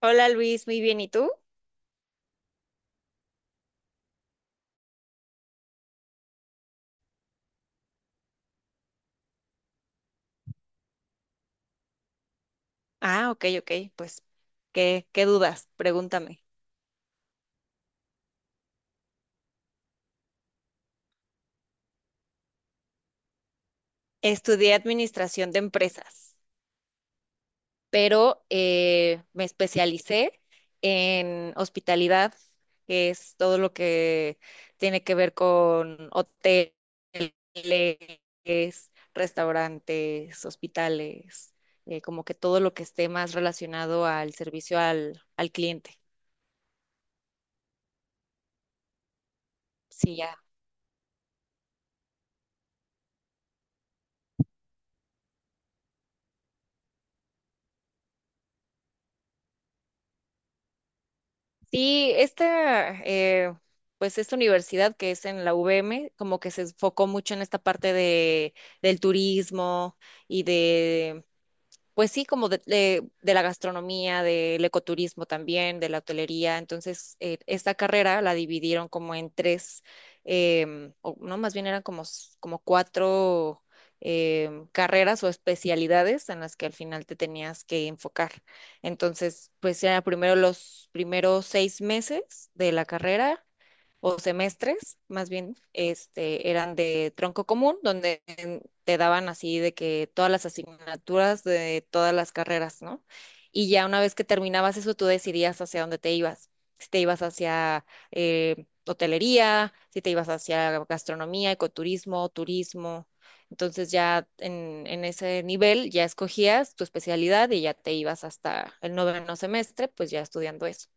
Hola Luis, muy bien. ¿Y tú? Ah, ok, ok. Pues, ¿qué dudas? Pregúntame. Estudié administración de empresas, pero me especialicé en hospitalidad, que es todo lo que tiene que ver con hoteles, restaurantes, hospitales, como que todo lo que esté más relacionado al servicio al cliente. Sí, ya. Sí, pues esta universidad que es en la UVM, como que se enfocó mucho en esta parte del turismo y de pues sí, como de la gastronomía, del ecoturismo también, de la hotelería. Entonces, esta carrera la dividieron como en tres, o no, más bien eran como cuatro carreras o especialidades en las que al final te tenías que enfocar. Entonces, pues era primero los primeros 6 meses de la carrera o semestres, más bien, este, eran de tronco común, donde te daban así de que todas las asignaturas de todas las carreras, ¿no? Y ya una vez que terminabas eso, tú decidías hacia dónde te ibas. Si te ibas hacia hotelería, si te ibas hacia gastronomía, ecoturismo, turismo. Entonces ya en ese nivel ya escogías tu especialidad y ya te ibas hasta el noveno semestre, pues ya estudiando eso.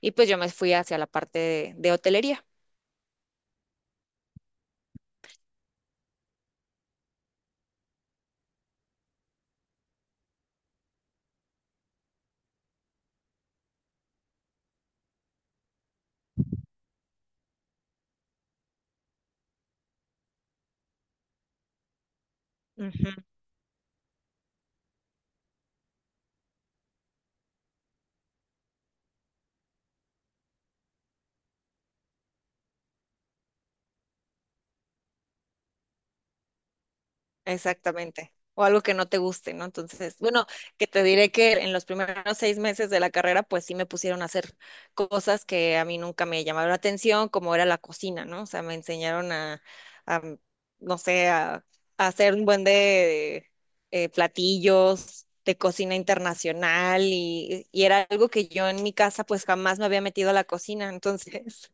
Y pues yo me fui hacia la parte de hotelería. Ujú. Exactamente. O algo que no te guste, ¿no? Entonces, bueno, que te diré que en los primeros 6 meses de la carrera, pues sí me pusieron a hacer cosas que a mí nunca me llamaron la atención, como era la cocina, ¿no? O sea, me enseñaron a, no sé, a hacer un buen de platillos de cocina internacional y era algo que yo en mi casa, pues jamás me había metido a la cocina. Entonces,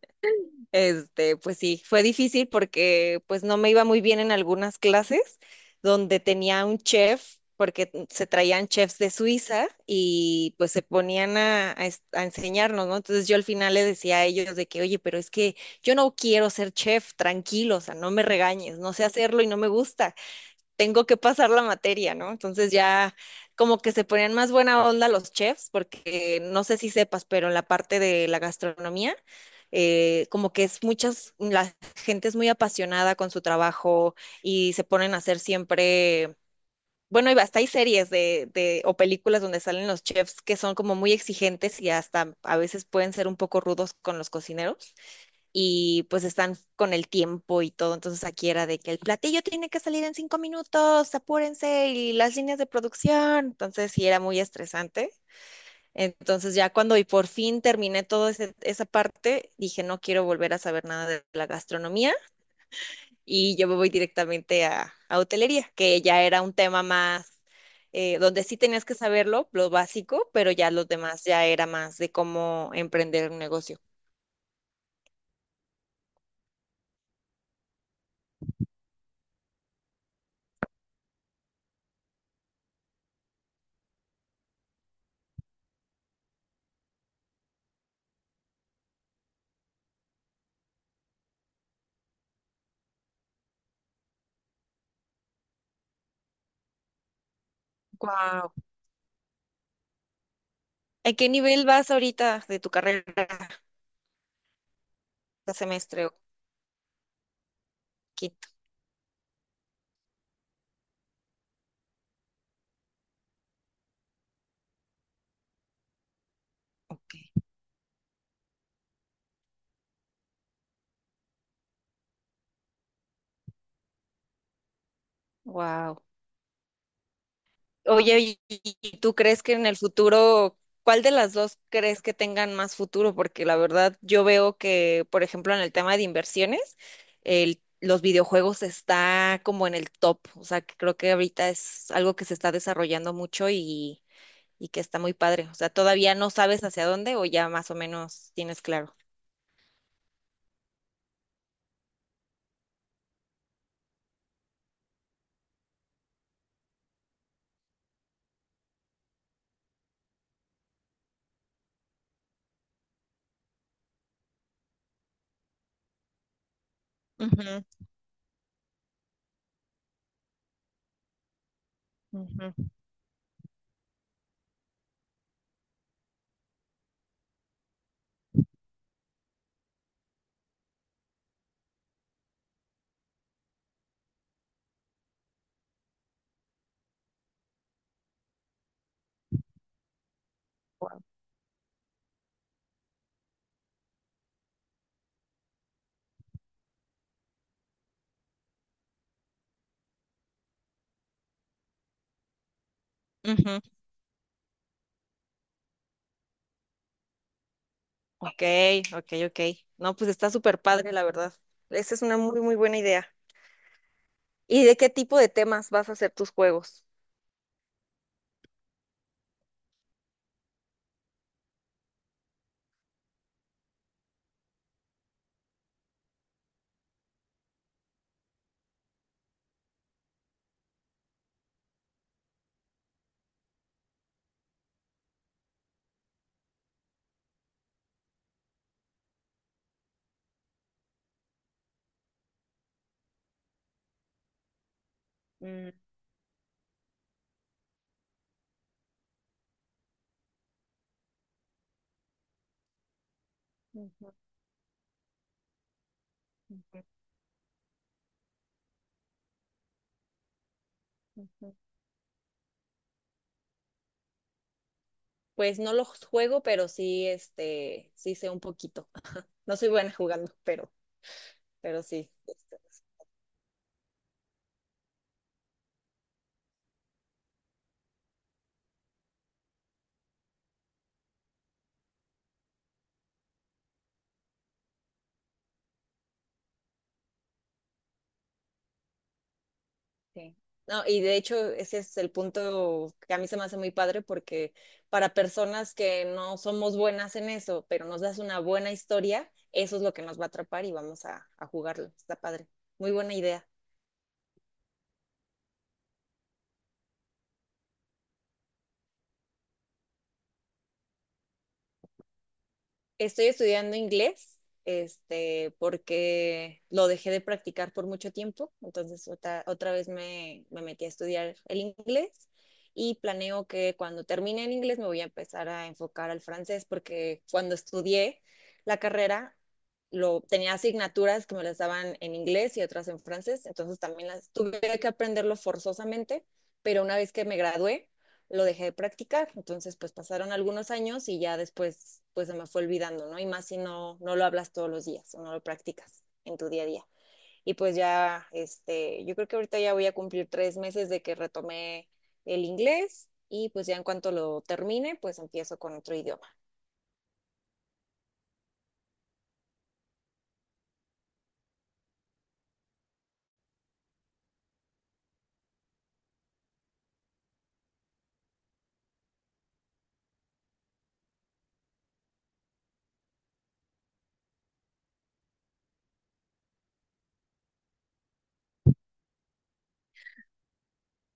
este, pues sí, fue difícil porque pues no me iba muy bien en algunas clases donde tenía un chef, porque se traían chefs de Suiza y pues se ponían a enseñarnos, ¿no? Entonces yo al final le decía a ellos de que, oye, pero es que yo no quiero ser chef, tranquilo, o sea, no me regañes, no sé hacerlo y no me gusta, tengo que pasar la materia, ¿no? Entonces ya como que se ponían más buena onda los chefs, porque no sé si sepas, pero en la parte de la gastronomía, como que es muchas, la gente es muy apasionada con su trabajo y se ponen a hacer siempre... Bueno, y hasta hay series o películas donde salen los chefs que son como muy exigentes y hasta a veces pueden ser un poco rudos con los cocineros y pues están con el tiempo y todo. Entonces aquí era de que el platillo tiene que salir en 5 minutos, apúrense, y las líneas de producción. Entonces sí era muy estresante. Entonces ya cuando y por fin terminé toda esa parte, dije no quiero volver a saber nada de la gastronomía y yo me voy directamente a hotelería, que ya era un tema más, donde sí tenías que saberlo, lo básico, pero ya los demás ya era más de cómo emprender un negocio. Guau. ¿A qué nivel vas ahorita de tu carrera? ¿A semestre o quinto? Ok. Wow. Oye, ¿y tú crees que en el futuro, cuál de las dos crees que tengan más futuro? Porque la verdad, yo veo que, por ejemplo, en el tema de inversiones, los videojuegos está como en el top. O sea, que creo que ahorita es algo que se está desarrollando mucho, y que está muy padre. O sea, todavía no sabes hacia dónde o ya más o menos tienes claro. Ujú. Ujú. Guau. Ujú. Ok, ok, ok. No, pues está súper padre, la verdad. Esa es una muy, muy buena idea. ¿Y de qué tipo de temas vas a hacer tus juegos? Mm. Ujú. Ujú. Ujú. Pues no los juego, pero sí, este, sí sé un poquito. No soy buena jugando, pero sí. Sí. No, y de hecho ese es el punto que a mí se me hace muy padre porque para personas que no somos buenas en eso, pero nos das una buena historia, eso es lo que nos va a atrapar y vamos a jugarlo. Está padre. Muy buena idea. Estoy estudiando inglés, este, porque lo dejé de practicar por mucho tiempo, entonces otra vez me metí a estudiar el inglés y planeo que cuando termine el inglés me voy a empezar a enfocar al francés, porque cuando estudié la carrera, tenía asignaturas que me las daban en inglés y otras en francés, entonces también las tuve que aprenderlo forzosamente, pero una vez que me gradué, lo dejé de practicar. Entonces, pues pasaron algunos años y ya después, pues se me fue olvidando, ¿no? Y más si no, no lo hablas todos los días o no lo practicas en tu día a día. Y pues ya, este, yo creo que ahorita ya voy a cumplir 3 meses de que retomé el inglés y pues ya en cuanto lo termine, pues empiezo con otro idioma.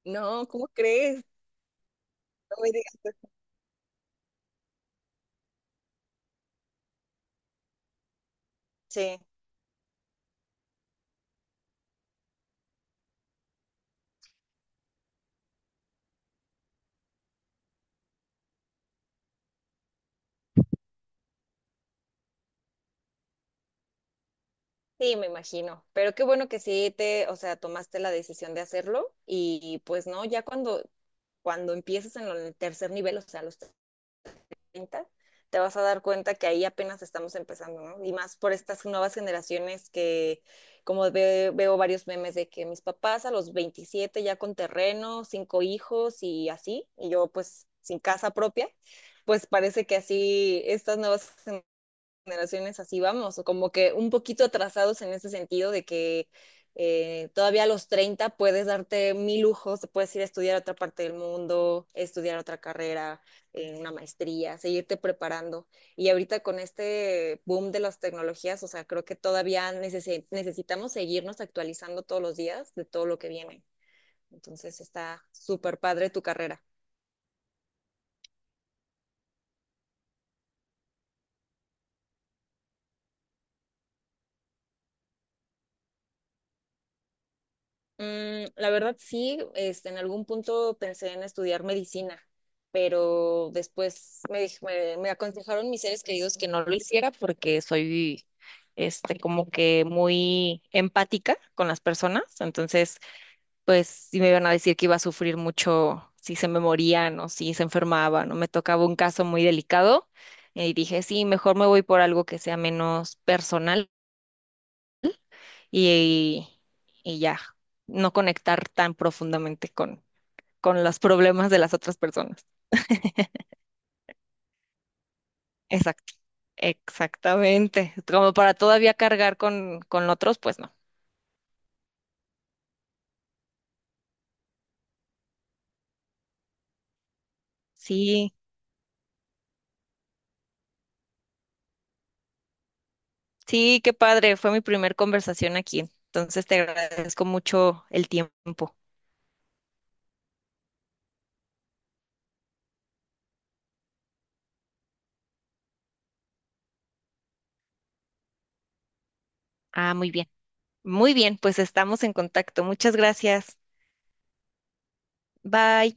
No, ¿cómo crees? No me digas eso. Sí, sí, me imagino. Pero qué bueno que sí o sea, tomaste la decisión de hacerlo y, pues no, ya cuando, empieces en en el tercer nivel, o sea, los 30, te vas a dar cuenta que ahí apenas estamos empezando, ¿no? Y más por estas nuevas generaciones que, como veo varios memes de que mis papás a los 27 ya con terreno, cinco hijos y así, y yo pues sin casa propia, pues parece que así estas nuevas generaciones así vamos, o como que un poquito atrasados en ese sentido de que todavía a los 30 puedes darte mil lujos, te puedes ir a estudiar a otra parte del mundo, estudiar otra carrera, una maestría, seguirte preparando. Y ahorita con este boom de las tecnologías, o sea, creo que todavía necesitamos seguirnos actualizando todos los días de todo lo que viene. Entonces está súper padre tu carrera. Mm, la verdad sí, este, en algún punto pensé en estudiar medicina, pero después me aconsejaron mis seres queridos que no lo hiciera porque soy, este, como que muy empática con las personas, entonces, pues sí me iban a decir que iba a sufrir mucho si se me morían o si se enfermaban o me tocaba un caso muy delicado y dije, sí, mejor me voy por algo que sea menos personal y, y ya, no conectar tan profundamente con los problemas de las otras personas. Exacto. Exactamente. Como para todavía cargar con otros, pues no. Sí, sí, qué padre. Fue mi primer conversación aquí. Entonces te agradezco mucho el tiempo. Ah, muy bien. Muy bien, pues estamos en contacto. Muchas gracias. Bye.